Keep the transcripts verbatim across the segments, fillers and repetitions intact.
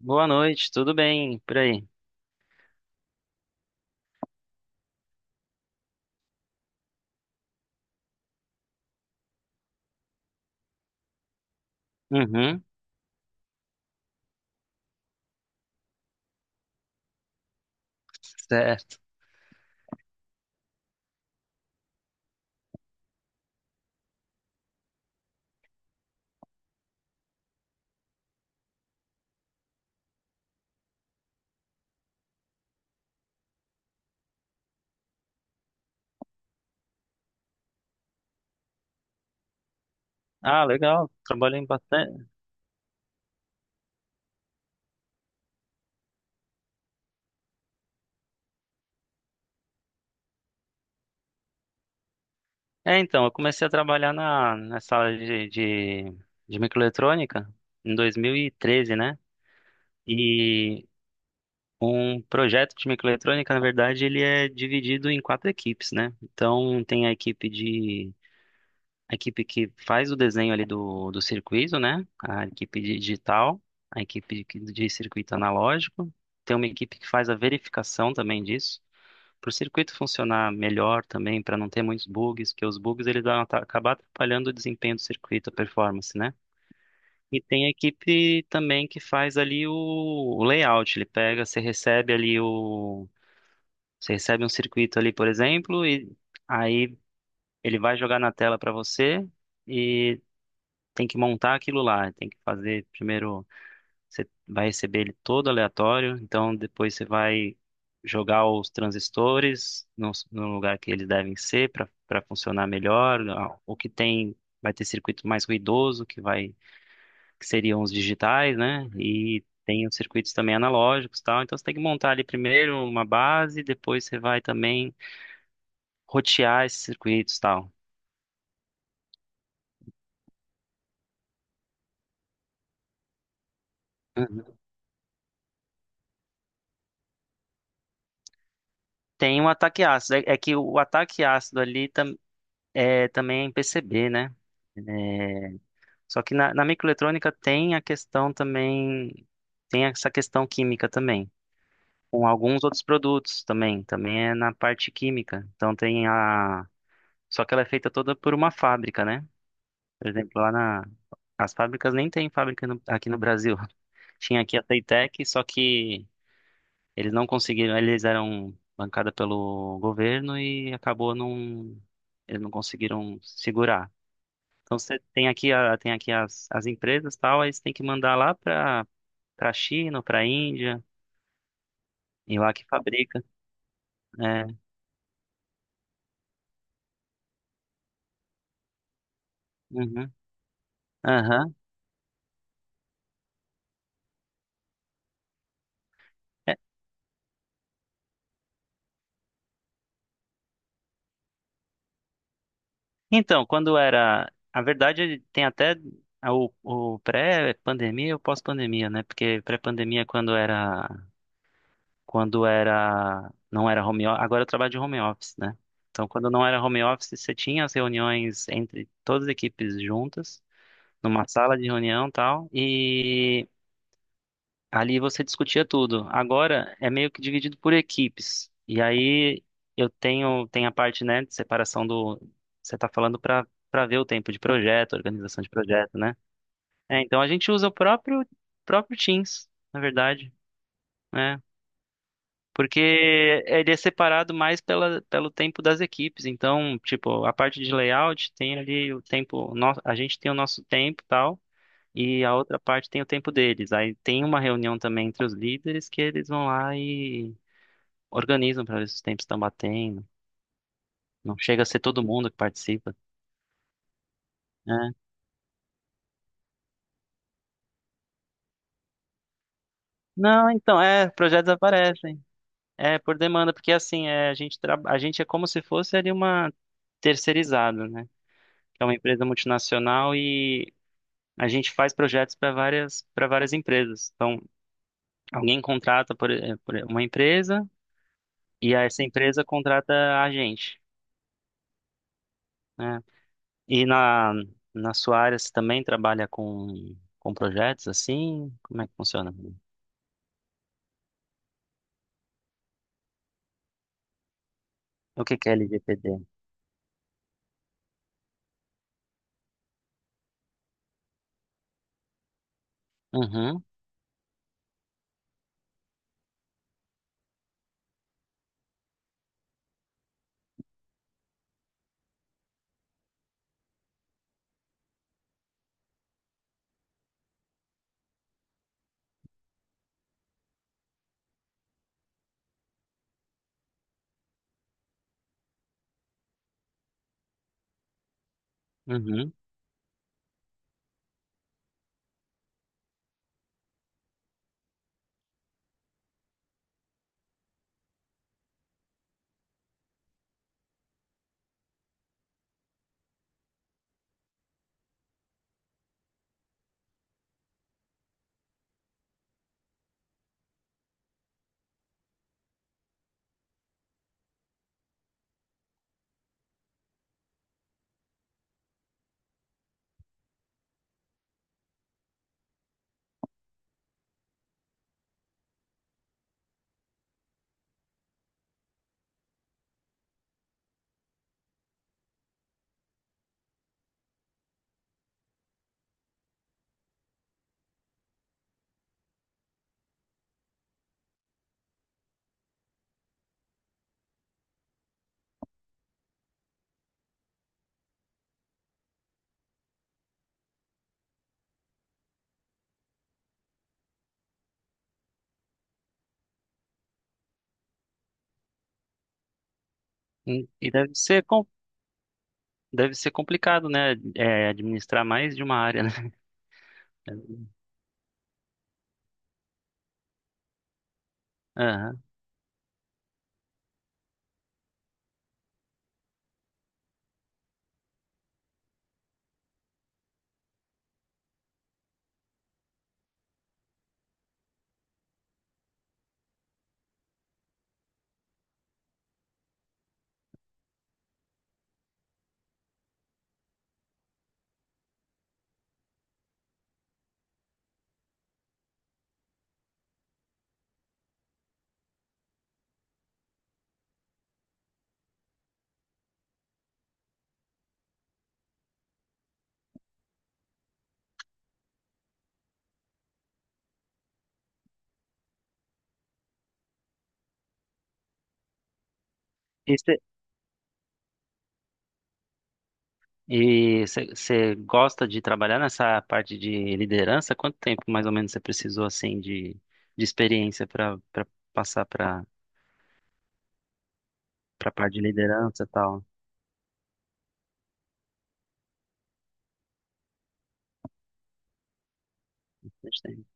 Boa noite, tudo bem por aí? Uhum, certo. Ah, legal, trabalhei em bastante. É, então, eu comecei a trabalhar na, nessa área de, de, de microeletrônica em dois mil e treze, né? E um projeto de microeletrônica, na verdade, ele é dividido em quatro equipes, né? Então, tem a equipe de, a equipe que faz o desenho ali do, do circuito, né? A equipe de digital, a equipe de de circuito analógico. Tem uma equipe que faz a verificação também disso, para o circuito funcionar melhor também, para não ter muitos bugs, porque os bugs eles vão ata- acabar atrapalhando o desempenho do circuito, a performance, né? E tem a equipe também que faz ali o, o layout. Ele pega, você recebe ali o, você recebe um circuito ali, por exemplo, e aí ele vai jogar na tela para você e tem que montar aquilo lá. Tem que fazer primeiro, você vai receber ele todo aleatório, então depois você vai jogar os transistores no, no lugar que eles devem ser para para funcionar melhor. Ah, o que tem, vai ter circuito mais ruidoso, que vai, que seriam os digitais, né? E tem os circuitos também analógicos, e tal. Então você tem que montar ali primeiro uma base, depois você vai também rotear esses circuitos, e tal. Uhum. Tem um ataque ácido. É, é que o ataque ácido ali tam, é, também é em P C B, né? É, Só que na, na microeletrônica tem a questão também, tem essa questão química também, com alguns outros produtos também, também é na parte química. Então tem a, só que ela é feita toda por uma fábrica, né? Por exemplo, lá na, as fábricas, nem tem fábrica no- aqui no Brasil. Tinha aqui a Playtech, só que eles não conseguiram, eles eram bancada pelo governo e acabou não, eles não conseguiram segurar. Então você tem aqui a, tem aqui as, as empresas, tal, aí você tem que mandar lá para para a China, para a Índia, e lá que fabrica. É. Uhum. Aham. É. Então, quando era... A verdade, é, tem até a- o, o pré-pandemia e o pós-pandemia, né? Porque pré-pandemia é quando era. Quando era. Não era home office. Agora eu trabalho de home office, né? Então, quando não era home office, você tinha as reuniões entre todas as equipes juntas, numa sala de reunião e tal. Ali você discutia tudo. Agora é meio que dividido por equipes. E aí eu tenho, tem a parte, né, de separação do, você está falando para para ver o tempo de projeto, organização de projeto, né? É, então a gente usa o próprio próprio Teams, na verdade, né? Porque ele é separado mais pela, pelo tempo das equipes. Então, tipo, a parte de layout tem ali o tempo, no- a gente tem o nosso tempo, e tal, e a outra parte tem o tempo deles. Aí tem uma reunião também entre os líderes que eles vão lá e organizam para ver se os tempos estão batendo. Não chega a ser todo mundo que participa, né? Não, então, é, projetos aparecem. É, por demanda, porque assim, é, a gente, tra... a gente é como se fosse ali uma terceirizada, né? Que é uma empresa multinacional e a gente faz projetos para várias, para várias empresas. Então, alguém contrata por, eh, por uma empresa e essa empresa contrata a gente. Né? E na, na sua área você também trabalha com, com projetos assim? Como é que funciona? O que que é L G P D? Uhum, uhum. E e deve ser, com- deve ser complicado, né? É, administrar mais de uma área, né? Aham. E você, e você- você gosta de trabalhar nessa parte de liderança? Quanto tempo mais ou menos você precisou assim de, de experiência para passar para para parte de liderança e tal? Bastante tempo.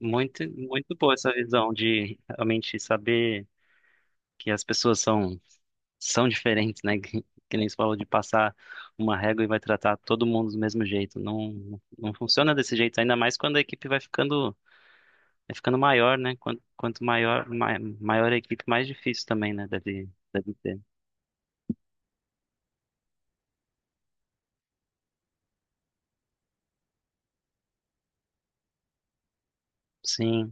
Muito, muito boa essa visão de realmente saber que as pessoas são, são diferentes, né? Que, que nem você falou, de passar uma régua e vai tratar todo mundo do mesmo jeito. Não, não funciona desse jeito, ainda mais quando a equipe vai ficando, vai ficando maior, né? Quanto, quanto maior, ma- maior a equipe, mais difícil também, né? Deve, deve ter. Sim,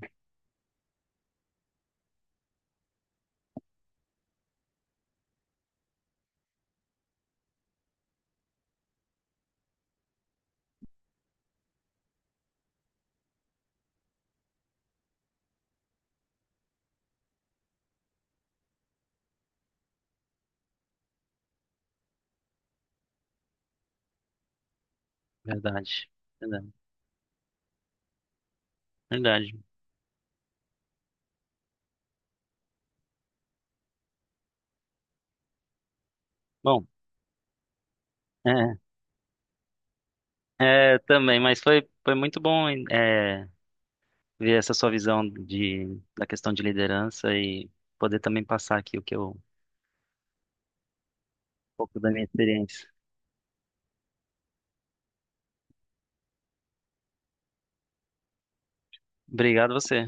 verdade. Verdade. Verdade. Bom, é, é, também, mas foi, foi muito bom, é, ver essa sua visão de, da questão de liderança e poder também passar aqui o que eu, um pouco da minha experiência. Obrigado você.